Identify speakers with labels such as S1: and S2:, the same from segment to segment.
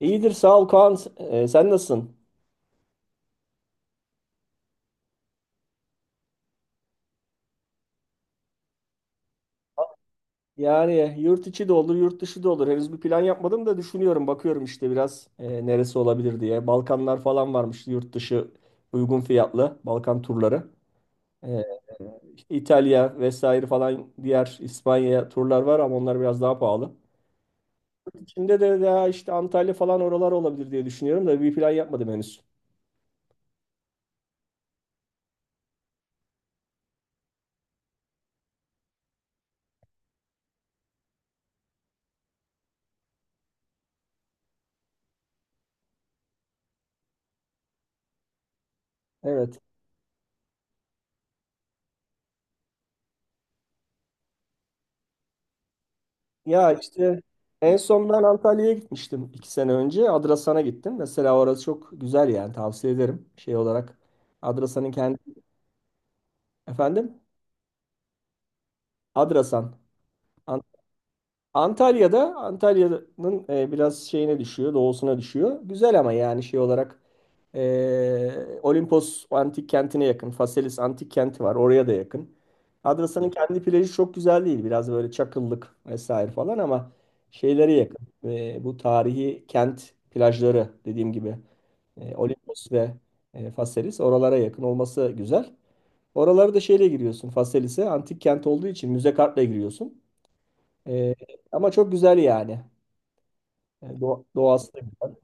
S1: İyidir sağ ol Kaan. Sen nasılsın? Yani yurt içi de olur, yurt dışı da olur. Henüz bir plan yapmadım da düşünüyorum, bakıyorum işte biraz neresi olabilir diye. Balkanlar falan varmış yurt dışı uygun fiyatlı Balkan turları. Ee, işte İtalya vesaire falan diğer İspanya turlar var ama onlar biraz daha pahalı. Yurt içinde de daha işte Antalya falan oralar olabilir diye düşünüyorum da bir plan yapmadım henüz. Evet. Ya işte en son ben Antalya'ya gitmiştim iki sene önce. Adrasan'a gittim. Mesela orası çok güzel yani tavsiye ederim. Şey olarak Adrasan'ın kendi efendim Adrasan. Antalya'da biraz şeyine düşüyor, doğusuna düşüyor. Güzel ama yani şey olarak Olimpos antik kentine yakın. Faselis antik kenti var, oraya da yakın. Adrasa'nın kendi plajı çok güzel değil. Biraz böyle çakıllık vesaire falan ama şeylere yakın. Bu tarihi kent plajları dediğim gibi Olimpos ve Faselis oralara yakın olması güzel. Oraları da şeyle giriyorsun. Faselis'e antik kent olduğu için müze kartla giriyorsun. Ee, Ama çok güzel yani. Doğası da güzel.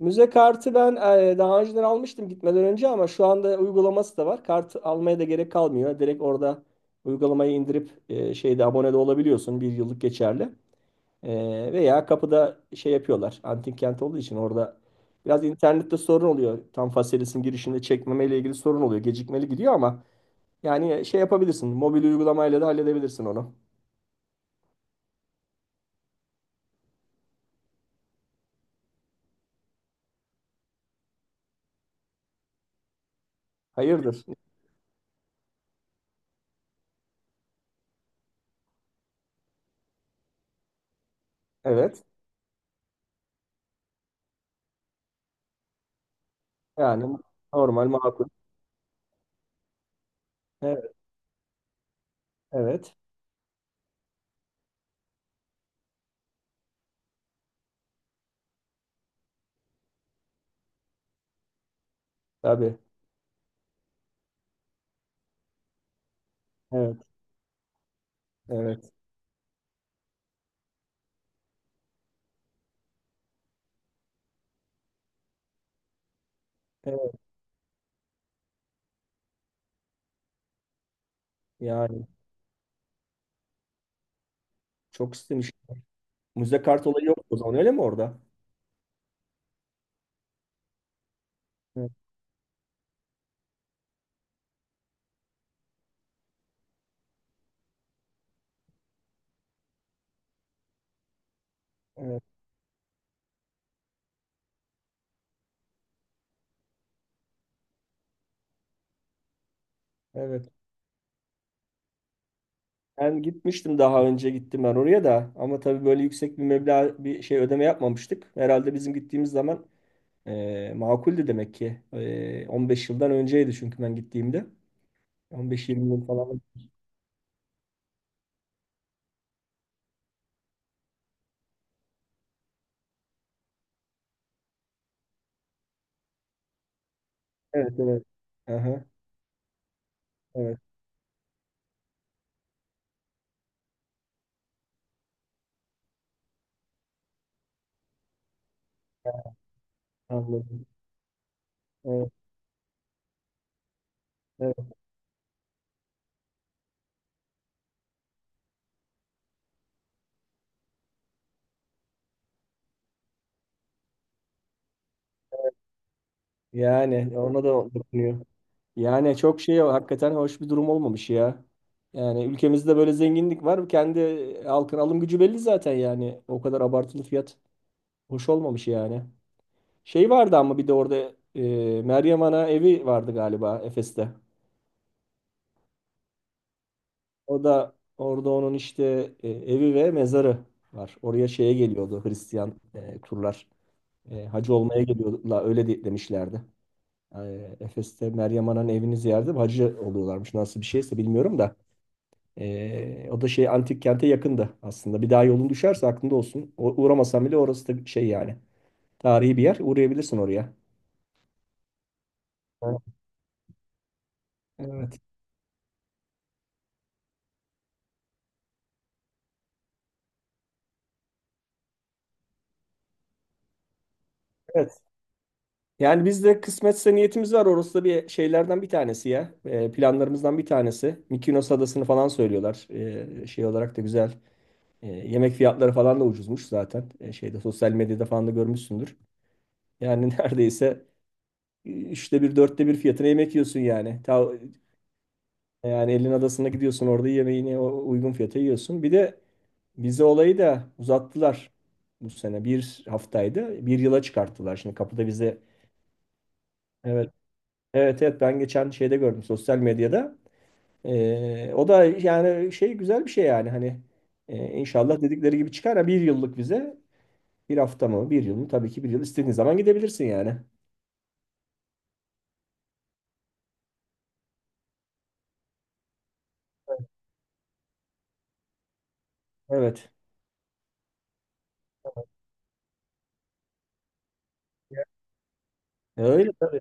S1: Müze kartı ben daha önceden almıştım gitmeden önce ama şu anda uygulaması da var. Kart almaya da gerek kalmıyor. Direkt orada uygulamayı indirip şeyde abone de olabiliyorsun. Bir yıllık geçerli. Veya kapıda şey yapıyorlar. Antik kent olduğu için orada biraz internette sorun oluyor. Tam Faselis'in girişinde çekmeme ile ilgili sorun oluyor. Gecikmeli gidiyor ama yani şey yapabilirsin. Mobil uygulamayla da halledebilirsin onu. Hayırdır? Evet. Yani normal makul. Evet, evet. Tabii. Evet, evet. Evet, yani çok istemiş. Müze kart olayı yok o zaman öyle mi orada? Evet, evet, evet. Ben gitmiştim daha önce gittim ben oraya da ama tabii böyle yüksek bir meblağ bir şey ödeme yapmamıştık. Herhalde bizim gittiğimiz zaman makuldü demek ki. 15 yıldan önceydi çünkü ben gittiğimde. 15-20 yıl falan. Evet, evet. Aha, evet. Anladım. Evet, evet. Yani ona da dokunuyor. Yani çok şey hakikaten hoş bir durum olmamış ya. Yani ülkemizde böyle zenginlik var. Kendi halkın alım gücü belli zaten yani. O kadar abartılı fiyat hoş olmamış yani. Şey vardı ama bir de orada e, Meryem Ana evi vardı galiba Efes'te. O da orada onun işte evi ve mezarı var. Oraya şeye geliyordu Hristiyan turlar. Hacı olmaya geliyorlar öyle demişlerdi. Efes'te Meryem Ana'nın evini ziyaret edip hacı oluyorlarmış. Nasıl bir şeyse bilmiyorum da. O da şey antik kente yakında aslında. Bir daha yolun düşerse aklında olsun. Uğramasan bile orası da şey yani. Tarihi bir yer. Uğrayabilirsin oraya. Evet. Evet. Yani biz de kısmetse niyetimiz var. Orası da bir şeylerden bir tanesi ya. Planlarımızdan bir tanesi. Mykonos adasını falan söylüyorlar. Şey olarak da güzel. Yemek fiyatları falan da ucuzmuş zaten. Şeyde sosyal medyada falan da görmüşsündür. Yani neredeyse üçte bir, dörtte bir fiyatına yemek yiyorsun yani. Ta yani elin adasına gidiyorsun orada yemeğini uygun fiyata yiyorsun. Bir de vize olayı da uzattılar bu sene. Bir haftaydı. Bir yıla çıkarttılar. Şimdi kapıda vize. Evet. Evet, evet, ben geçen şeyde gördüm sosyal medyada. O da yani şey güzel bir şey yani hani inşallah dedikleri gibi çıkar. Ha, bir yıllık vize bir hafta mı bir yıl mı tabii ki bir yıl istediğin zaman gidebilirsin yani. Evet. Öyle tabii.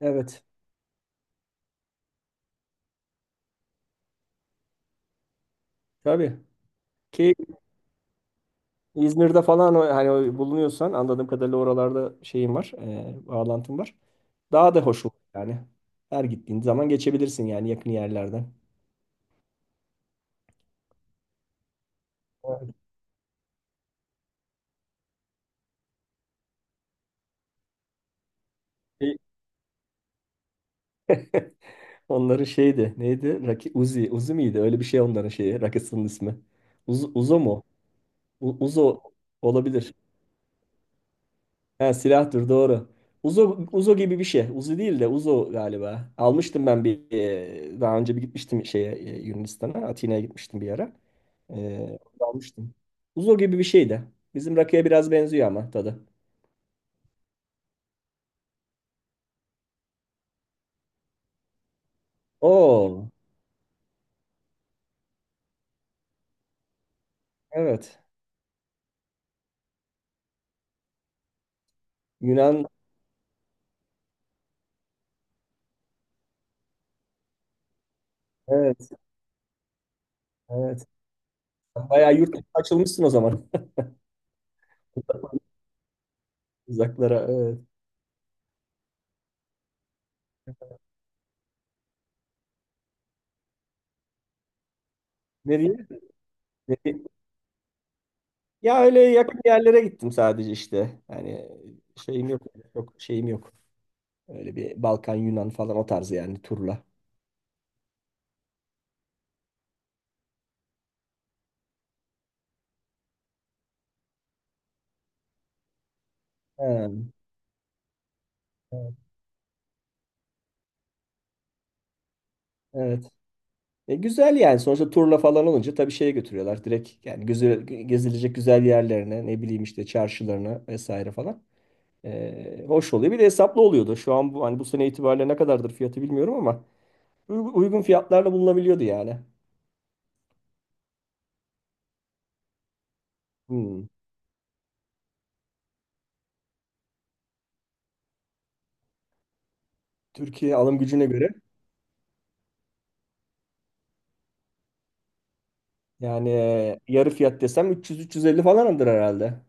S1: Evet. Tabii. Ki İzmir'de falan hani bulunuyorsan anladığım kadarıyla oralarda şeyim var, bağlantım var. Daha da hoş olur yani. Her gittiğin zaman geçebilirsin yani yakın yerlerden. Evet. Şey- Onların şeydi, neydi? Raki, Uzi, Uzi miydi? Öyle bir şey onların şeyi, rakısının ismi. Uz, Uzo mu? Uzo olabilir. Ha, silahtır doğru. Uzo, Uzo gibi bir şey. Uzi değil de Uzo galiba. Almıştım ben daha önce bir gitmiştim şeye Yunanistan'a. Atina'ya gitmiştim bir ara. E, Orada almıştım. Uzo gibi bir şey de. Bizim rakıya biraz benziyor ama tadı. Oo, evet. Yunan evet, evet. Bayağı yurt dışına açılmışsın o zaman. Uzaklara evet. Nereye? Nereye? Ya öyle yakın yerlere gittim sadece işte. Yani şeyim yok. Çok şeyim yok. Öyle bir Balkan, Yunan falan o tarzı yani turla. Ha, evet, evet. Güzel yani. Sonuçta turla falan olunca tabii şeye götürüyorlar. Direkt yani gözü, gezilecek güzel yerlerine, ne bileyim işte çarşılarına vesaire falan. Hoş oluyor. Bir de hesaplı oluyordu. Şu an bu, hani bu sene itibariyle ne kadardır fiyatı bilmiyorum ama uygun fiyatlarla bulunabiliyordu yani. Hmm. Türkiye alım gücüne göre yani yarı fiyat desem 300-350 falandır herhalde.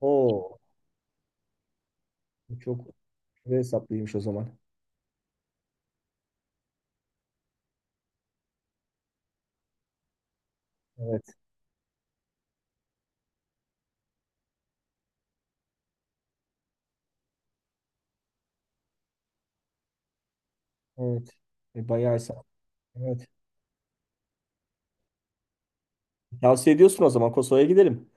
S1: Oo, çok hesaplıymış o zaman. Evet, evet. Bayağı hesap. Evet. Tavsiye ediyorsun o zaman Kosova'ya gidelim.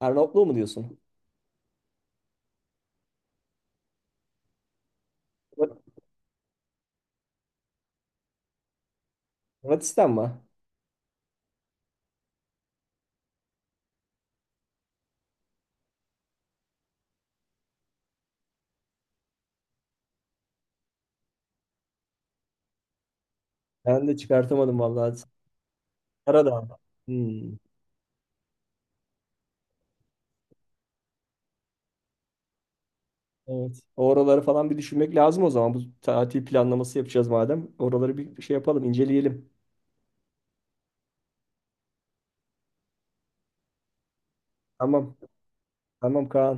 S1: Arnavutluğu mu diyorsun? Hırvat- Hırvatistan mı? Ben de çıkartamadım vallahi. Karadağ. Hmm, evet. Oraları falan bir düşünmek lazım o zaman. Bu tatil planlaması yapacağız madem. Oraları bir şey yapalım, inceleyelim. Tamam. Tamam Kaan.